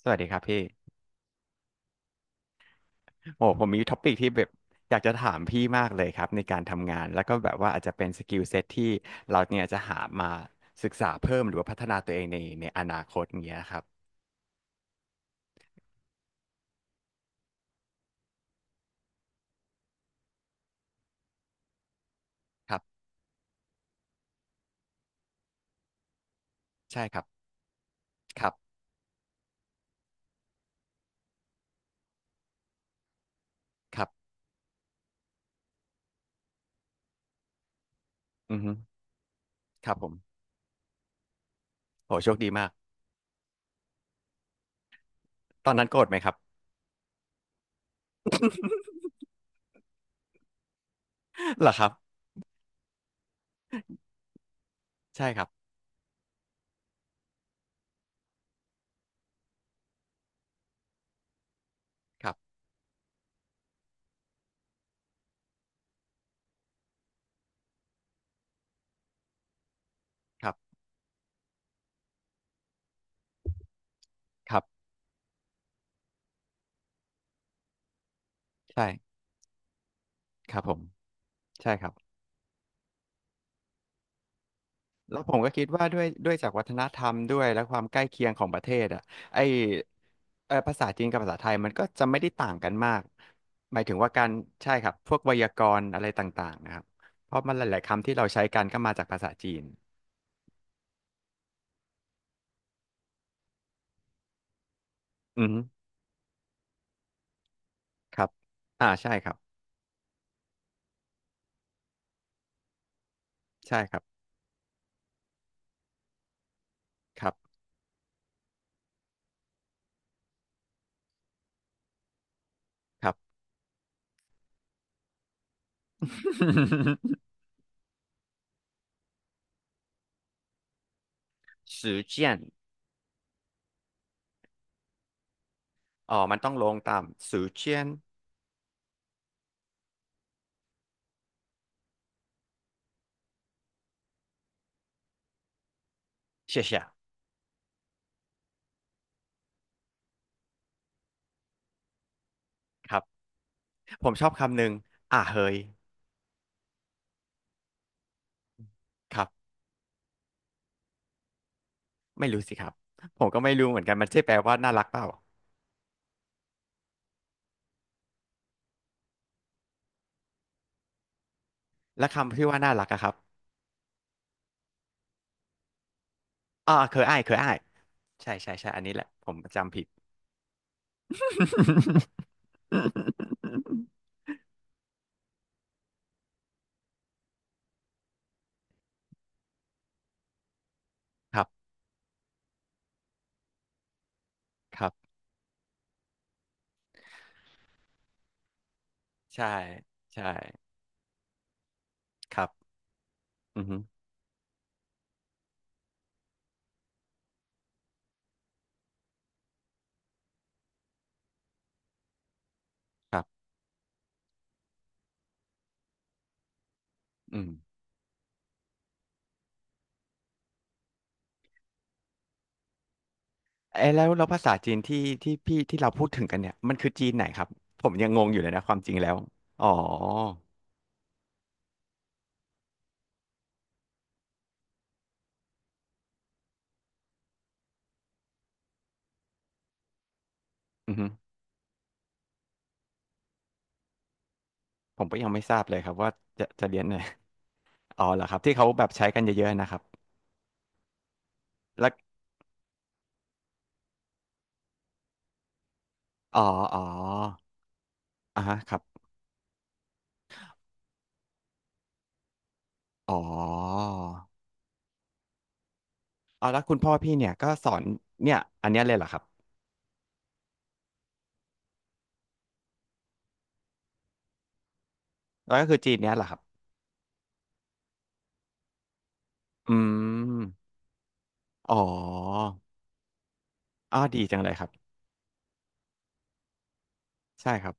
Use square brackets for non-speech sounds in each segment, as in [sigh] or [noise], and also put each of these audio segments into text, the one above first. สวัสดีครับพี่โอ้ผมมีท็อปิกที่แบบอยากจะถามพี่มากเลยครับในการทำงานแล้วก็แบบว่าอาจจะเป็นสกิลเซ็ตที่เราเนี่ยจะหามาศึกษาเพิ่มหรือว่าพัฒนาตัวเองในอนาคตอย่างเงี้ยครับครับใช่ครับครับครับอือฮึครับผมโอ้โชคดีมากตอนนั้นโกรธไหมครับ [laughs] เหรอครับใช่ครับครับครับครับใช่ครับผมใช่ครับ แล้วผมก็คิดว่าด้วยจากวัฒนธรรมด้วยและความใกล้เคียงของประเทศอ่ะไอเออภาษาจีนกับภาษาไทยมันก็จะไม่ได้ต่างกันมากหมายถึงว่าการใช่ครับพวกไวยากรณ์อะไรต่างๆนะครับเพราะมันหลายๆคำที่เราใช้กันก็มาจากภาษาจีนอืมครับอ่าใช่ครับใช่ครับครับครับ [laughs] สือเจียนอ๋อมันต้องลงตามสือเจียนเฉียเฉียครับผมชอบคำหนึ่งอ่าเฮยครับ ไม่รู้สิครับผมก็ไม่รู้เหมือนกันมันใช่แปลว่าน่ารักเปล่าและคำที่ว่าน่ารักอะครับอ่าเคยอ้ายเคยอ้ายใช่ใช่ใช่อันนี้แหละผมจำผิด [laughs] ครับครับใช่ใช่ครับอือฮึครับอืมเอ้ยแล้วภาษาจีนที่ที่เราพูดถึงกันเนี่ยมันคือจีนไหนครับผมยังงงอยู่เลยนะความจริงแล้วอ๋ออือฮึผมก็ยังไม่ทราบเลยครับว่าจะเรียนไหนอ๋อเหรอครับที่เขาแบบใช้กันเยอะๆนะครับแล้วอ๋ออ๋ออ่าฮะครับ อ๋อเอาแล้วคุณพ่อพี่เนี่ยก็สอนเนี่ยอันเนี้ยเลยเหรอครับแล้วก็คือจีนเนี้ยเหรอครับอืมอ๋ออ๋อดีจังเลยครับใช่ครับ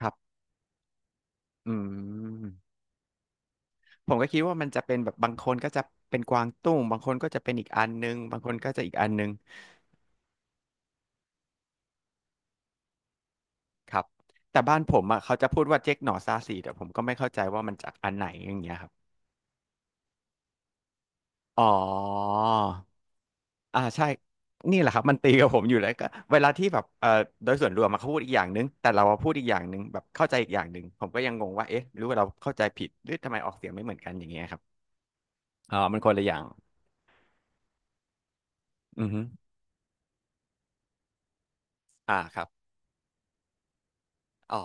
ครับอืมผมก็คิดว่ามันจะเป็นแบบบางคนก็จะเป็นกวางตุ้งบางคนก็จะเป็นอีกอันนึงบางคนก็จะอีกอันนึงครับแต่บ้านผมอ่ะเขาจะพูดว่าเจ๊กหน่อซาสีแต่ผมก็ไม่เข้าใจว่ามันจากอันไหนอย่างเงี้ยครับอ๋อ อ่าใช่นี่แหละครับมันตีกับผมอยู่แล้วก็เวลาที่แบบโดยส่วนรวมมาเขาพูดอีกอย่างนึงแต่เราพูดอีกอย่างนึงแบบเข้าใจอีกอย่างนึงผมก็ยังงงว่าเอ๊ะหรือว่าเราเข้าใจผิดหรือทำไมออกเสียงไม่เหมือนกันอย่างเงี้ยครับอ๋อมันคนละอย่างอือฮึอ่าครับอ๋อ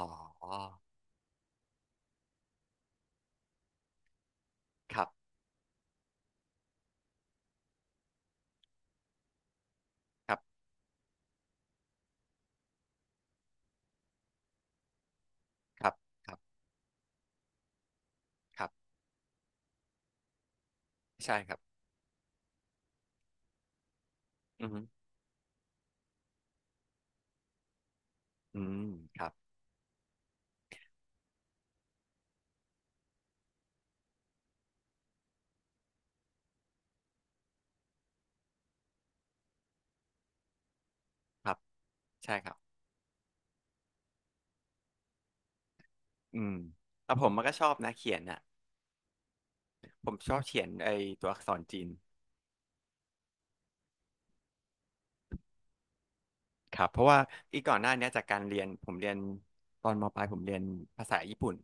ครับครับครับครับครับใช่ครับอือฮึอืมครับครับใช่ครับอืมแต่ผมมันก็ชอบนะเขียนน่ะผมชอบเขียนไอ้ตัวอักษรจีน ครับเพราะว่าอีกก่อนหน้าเนี้ยจากการเรียนผมเรียนตอนมปลายผมเรียนภาษาญี่ปุ่น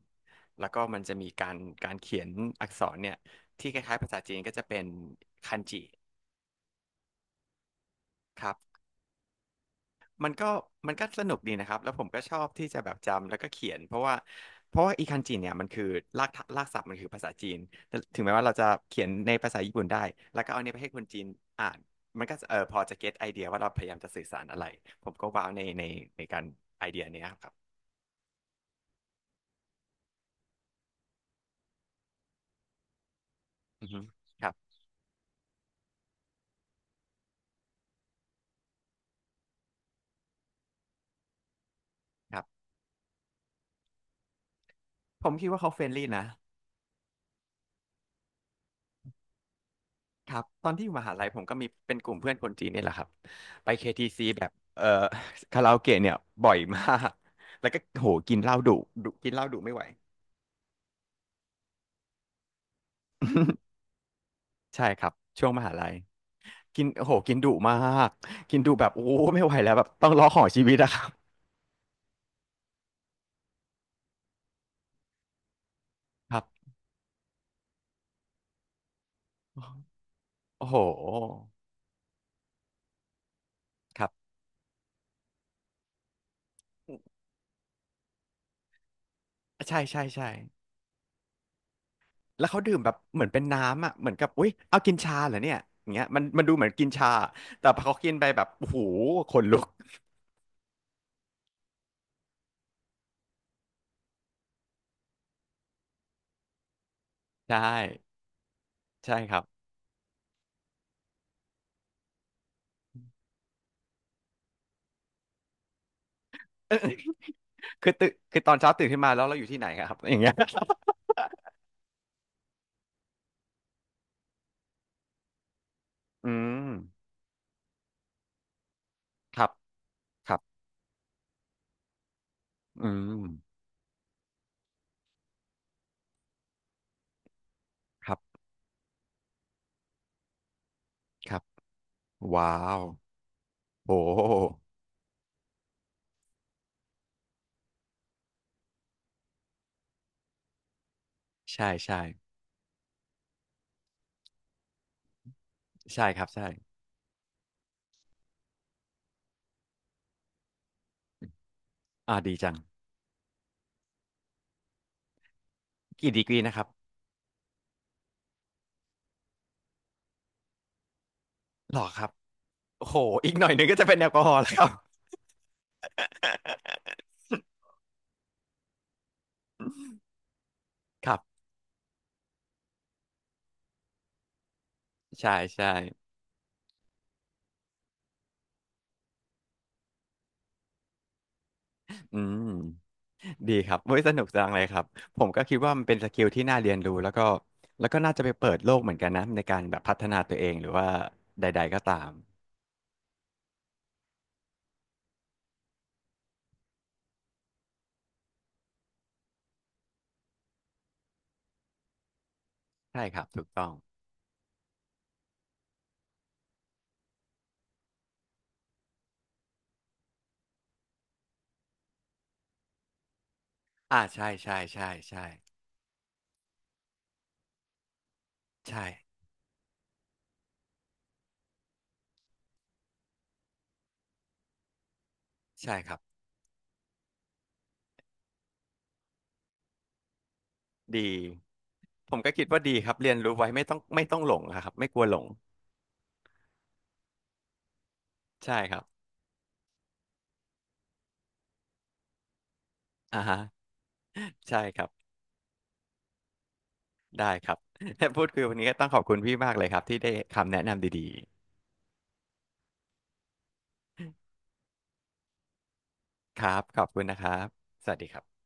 แล้วก็มันจะมีการเขียนอักษรเนี่ยที่คล้ายๆภาษาจีนก็จะเป็นคันจิครับมันก็มันก็สนุกดีนะครับแล้วผมก็ชอบที่จะแบบจำแล้วก็เขียนเพราะว่าอีคันจิเนี่ยมันคือรากศัพท์มันคือภาษาจีนแต่ถึงแม้ว่าเราจะเขียนในภาษาญี่ปุ่นได้แล้วก็เอาเนี่ยไปให้คนจีนอ่านมันก็จะเออพอจะเก็ตไอเดียว่าเราพยายามจะสื่อสารอะไรผมก็ว้าวในในการไอเดียเนี้ยครับ อือฮึครับครับผมคิดว่าเขาเฟรนลี่นะครับตอนที่อยู่มหาลัยผมก็มีเป็นกลุ่มเพื่อนคนจีนนี่แหละครับไป KTC แบบเอ่อ [laughs] คาราโอเกะเนี่ยบ่อยมากแล้วก็โหกินเหล้าดุดุกินเหล้าดุไม่ไหว [laughs] ใช่ครับช่วงมหาลัยกินโอ้โหกินดุมากกินดุแบบโอ้ไม่ไหวแล้วแบบต้องร้องขอชีวิตอะครับครับโอ้โหครับใช่ใช่ใช่ แล้วเขาดื่มแบบเหมือนเป็นน้ำอ่ะเหมือนกับอุ๊ยเอากินชาเหรอเนี่ยอย่างเงี้ยมันมันดูเหมือนกินชาแต่พอเขากินไปแบบโอ้โหขนลุกใช่ใช่ครับ [coughs] [laughs] คือตื่นคือตอนเช้าตื่นขึ้นมาแล้วเราอยู่ที่ไหนครับอย่างเงี้ย [laughs] อืมครับครับอืมครับครับว้าวโอ้ใช่ใช่ใช่ครับใช่อ่าดีจังกี่ดีกรีนะครับหรอครับโอ้โหอีกหน่อยหนึ่งก็จะเป็นแอลกอฮอล์แล้ว [laughs] ครับ [laughs] ครับใช่ใช่อืม ดีครับเว้ยสนุกจังเลยครับผมก็คิดว่ามันเป็นสกิลที่น่าเรียนรู้แล้วก็แล้วก็น่าจะไปเปิดโลกเหมือนกันนะในการแบบพัฒนาตัวเองหรือว่าใดๆก็ตามใช่ครับถูกต้องอ่าใช่ใช่ใช่ใช่ใช่ใช่ครับดีผมก็คิดว่าดีครับเรียนรู้ไว้ไม่ต้องหลงนะครับไม่กลัวหลงใช่ครับอ่าฮะใช่ครับได้ครับ [laughs] และพูดคุยวันนี้ก็ต้องขอบคุณพี่มากเลยครับที่ได้คำแนะนำดีๆครับขอบคุณนะครับสวัสดีครับ